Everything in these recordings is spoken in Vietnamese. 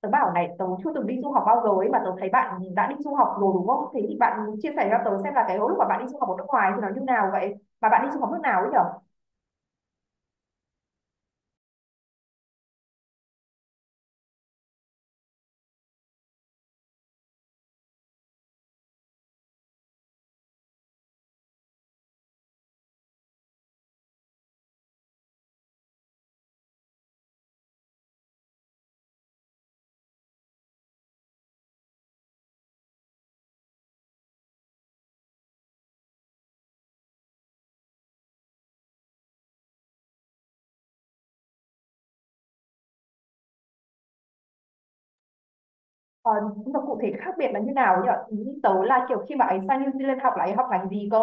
Tớ bảo này, tớ chưa từng đi du học bao giờ ấy mà tớ thấy bạn đã đi du học rồi đúng không? Thế thì bạn chia sẻ cho tớ xem là cái lúc mà bạn đi du học ở nước ngoài thì nó như nào vậy? Mà bạn đi du học nước nào ấy nhở? Ờ, nhưng mà cụ thể khác biệt là như nào ấy nhở? Ý tớ là kiểu khi mà ấy sang New Zealand học là ấy học ngành gì cơ?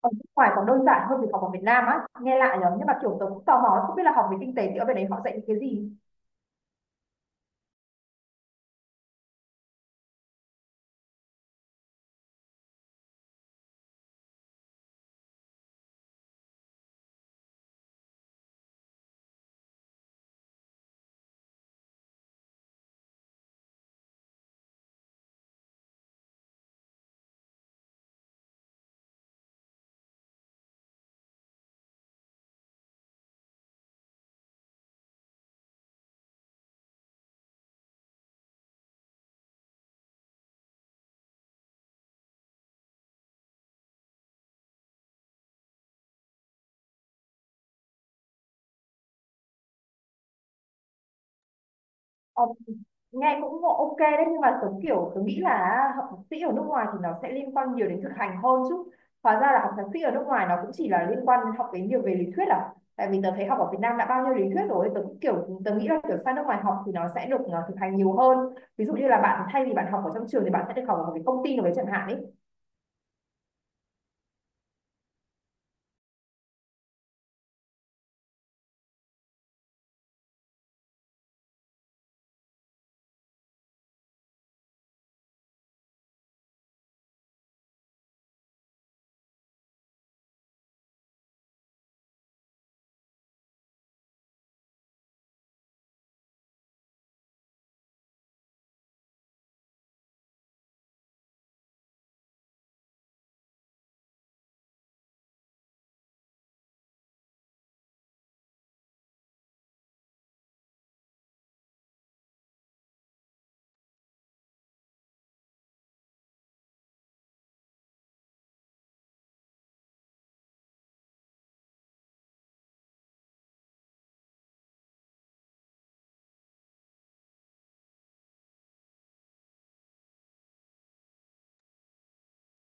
Ở nước ngoài còn đơn giản hơn việc học ở Việt Nam á, nghe lạ nhở? Nhưng mà kiểu tớ cũng tò mò không biết là học về kinh tế thì ở bên đấy họ dạy những cái gì? Ờ, nghe cũng ok đấy, nhưng mà tớ kiểu tớ nghĩ là học thạc sĩ ở nước ngoài thì nó sẽ liên quan nhiều đến thực hành hơn chứ. Hóa ra là học thạc sĩ ở nước ngoài nó cũng chỉ là liên quan đến học đến nhiều về lý thuyết à? Tại vì tớ thấy học ở Việt Nam đã bao nhiêu lý thuyết rồi, tớ cũng kiểu tớ nghĩ là kiểu sang nước ngoài học thì nó sẽ được thực hành nhiều hơn. Ví dụ như là bạn thay vì bạn học ở trong trường thì bạn sẽ được học ở một cái công ty nào đấy chẳng hạn ấy.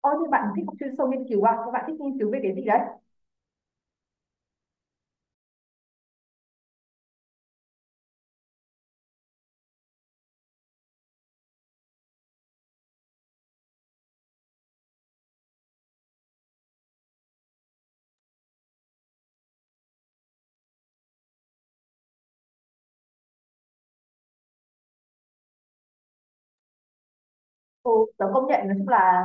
Ôi thế bạn thích học chuyên sâu nghiên cứu à? Thế bạn thích nghiên cứu về cái gì đấy? Ừ, tớ công nhận nói chung là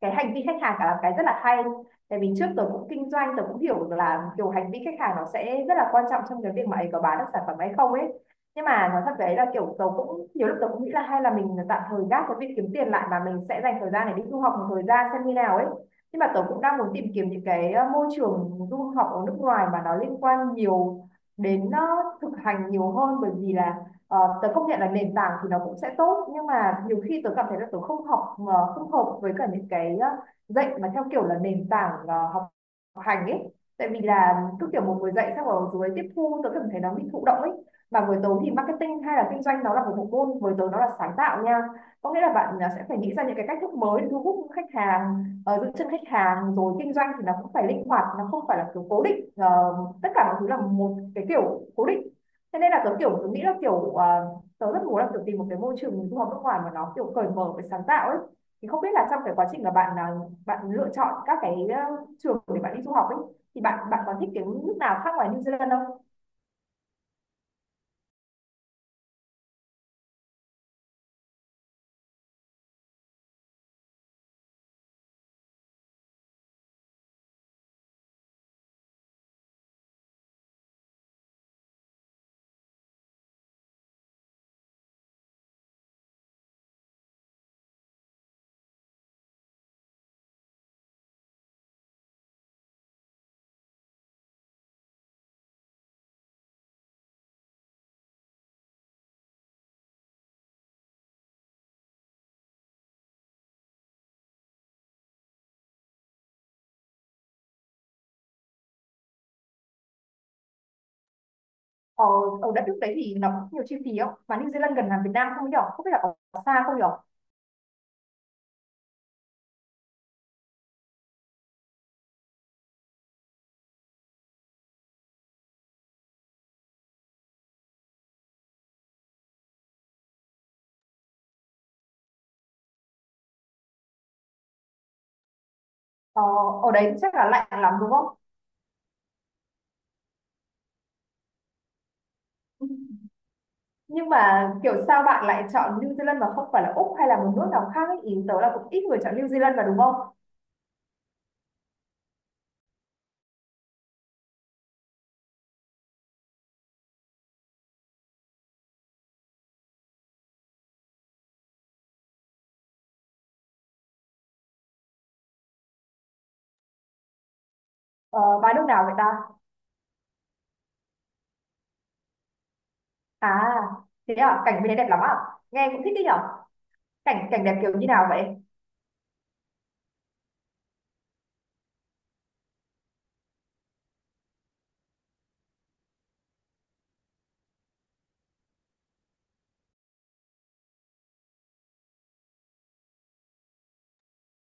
cái hành vi khách hàng cả là cái rất là hay, tại vì trước tớ cũng kinh doanh tớ cũng hiểu được là kiểu hành vi khách hàng nó sẽ rất là quan trọng trong cái việc mà ấy có bán được sản phẩm hay không ấy. Nhưng mà nói thật đấy là kiểu tớ cũng nhiều lúc tớ cũng nghĩ là hay là mình tạm thời gác cái việc kiếm tiền lại và mình sẽ dành thời gian để đi du học một thời gian xem như nào ấy. Nhưng mà tớ cũng đang muốn tìm kiếm những cái môi trường du học ở nước ngoài mà nó liên quan nhiều đến thực hành nhiều hơn, bởi vì là Ờ, tớ công nhận là nền tảng thì nó cũng sẽ tốt, nhưng mà nhiều khi tớ cảm thấy là tớ không học không hợp với cả những cái dạy mà theo kiểu là nền tảng học học hành ấy. Tại vì là cứ kiểu một người dạy xong rồi rồi tiếp thu tớ cảm thấy nó bị thụ động ấy. Mà với tớ thì marketing hay là kinh doanh nó là một bộ môn, với tớ nó là sáng tạo nha. Có nghĩa là bạn sẽ phải nghĩ ra những cái cách thức mới để thu hút khách hàng, giữ chân khách hàng, rồi kinh doanh thì nó cũng phải linh hoạt, nó không phải là kiểu cố định, tất cả mọi thứ là một cái kiểu cố định. Thế nên là tớ kiểu tớ nghĩ là kiểu à, tớ rất muốn là kiểu tìm một cái môi trường du học nước ngoài mà nó kiểu cởi mở với sáng tạo ấy. Thì không biết là trong cái quá trình mà bạn à, bạn lựa chọn các cái à, trường để bạn đi du học ấy, thì bạn bạn có thích cái nước nào khác ngoài New Zealand không? Ở ở đất nước đấy thì nó có nhiều chi phí không, mà New Zealand gần hàng Việt Nam không nhỉ, không biết là có xa không nhỉ? ờ, Ở đấy chắc là lạnh lắm đúng không? Nhưng mà kiểu sao bạn lại chọn New Zealand mà không phải là Úc hay là một nước nào khác ấy? Ý tớ là cũng ít người chọn New Zealand mà đúng không? Ờ, và nước nào vậy ta? À, thế à, cảnh bên đấy đẹp lắm à? Nghe cũng thích đấy nhở? Cảnh cảnh đẹp kiểu như nào vậy?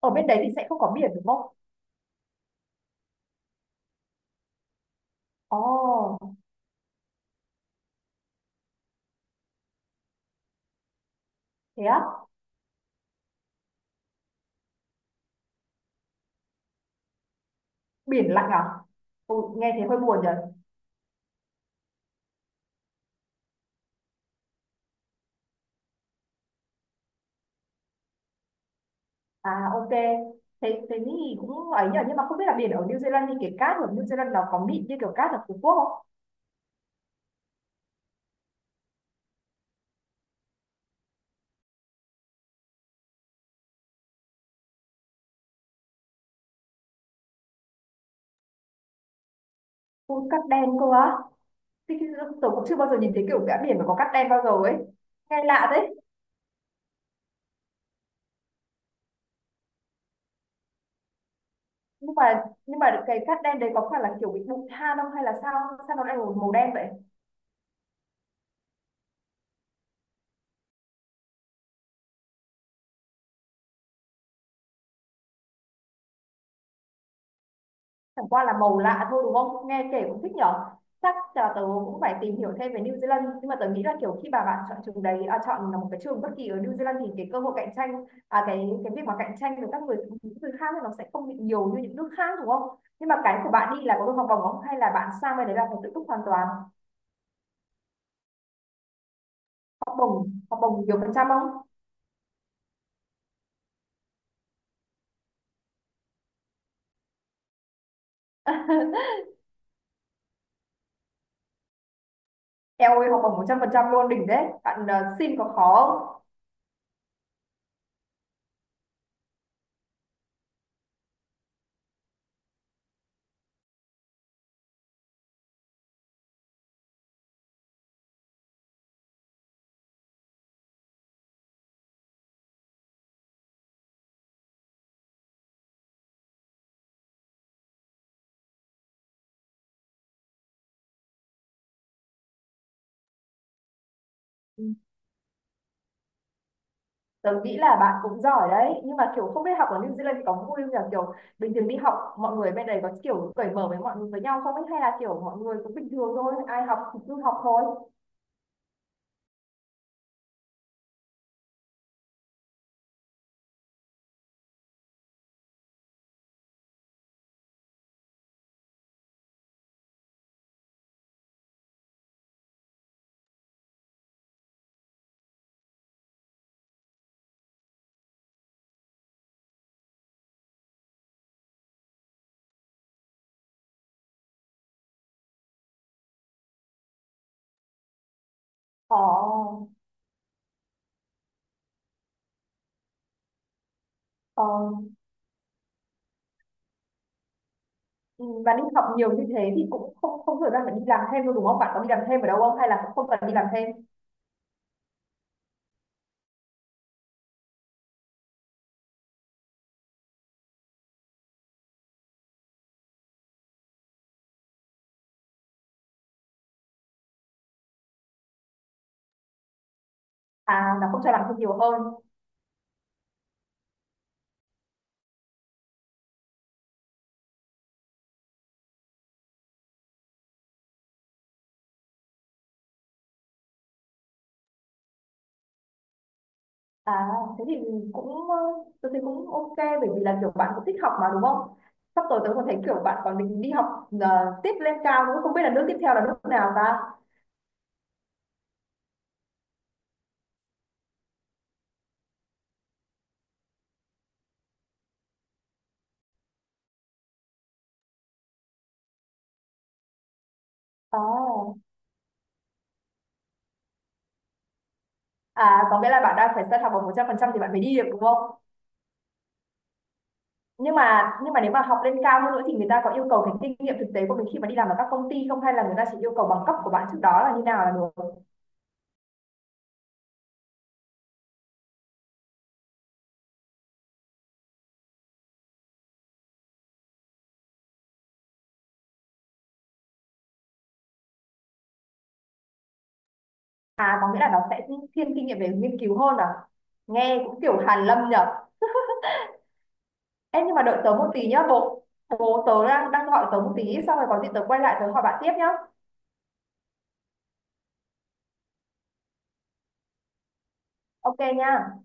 Ở bên đấy thì sẽ không có biển đúng không? Ồ, thế á, biển lặng à? Ồ, nghe thế hơi buồn nhở? À, ok. Thế thế thì cũng ấy nhở, nhưng mà không biết là biển ở New Zealand thì cái cát ở New Zealand nó có mịn như kiểu cát ở Phú Quốc không? Ôi, cát đen cơ á. Thế thì, tôi cũng chưa bao giờ nhìn thấy kiểu cả biển mà có cát đen bao giờ ấy. Nghe lạ đấy. Nhưng mà cái cát đen đấy có phải là kiểu bị bụi than không hay là sao? Sao nó lại màu đen vậy? Chẳng qua là màu lạ thôi đúng không, nghe kể cũng thích nhở? Chắc là tớ cũng phải tìm hiểu thêm về New Zealand, nhưng mà tớ nghĩ là kiểu khi mà bạn chọn trường đấy à, chọn một cái trường bất kỳ ở New Zealand thì cái cơ hội cạnh tranh à, cái việc mà cạnh tranh với các người những người khác thì nó sẽ không bị nhiều như những nước khác đúng không? Nhưng mà cái của bạn đi là có được học bổng không hay là bạn sang bên đấy là phải tự túc hoàn toàn? Học bổng nhiều phần trăm không? Eo ơi học bổng 100% luôn, đỉnh đấy bạn, xin có khó không? Ừ, tớ nghĩ là bạn cũng giỏi đấy. Nhưng mà kiểu không biết học ở New Zealand thì có vui không nhỉ? Kiểu bình thường đi học mọi người bên đấy có kiểu cởi mở với mọi người với nhau không ấy, hay là kiểu mọi người cũng bình thường thôi, ai học thì cứ học thôi? Ờ, ờ, ừ, và đi học nhiều như thế thì cũng không không thời gian phải đi làm thêm đâu đúng không? Bạn có đi làm thêm ở đâu không hay là cũng không cần đi làm thêm? À nó không cho làm thêm nhiều hơn. À, thế thì cũng tôi thấy cũng ok, bởi vì là kiểu bạn cũng thích học mà đúng không? Sắp tới tôi còn thấy kiểu bạn còn định đi học tiếp lên cao nữa, không biết là nước tiếp theo là nước nào ta? À, à có nghĩa là bạn đang phải săn học bằng 100% thì bạn mới đi được đúng không? Nhưng mà nếu mà học lên cao hơn nữa thì người ta có yêu cầu cái kinh nghiệm thực tế của mình khi mà đi làm ở các công ty không, hay là người ta chỉ yêu cầu bằng cấp của bạn trước đó là như nào là được? À có nghĩa là nó sẽ thiên kinh nghiệm về nghiên cứu hơn à? Nghe cũng kiểu hàn lâm nhở. Em nhưng mà đợi tớ một tí nhá bố. Bố tớ đang gọi tớ một tí. Xong rồi có gì tớ quay lại tớ hỏi bạn tiếp nhá. Ok nha.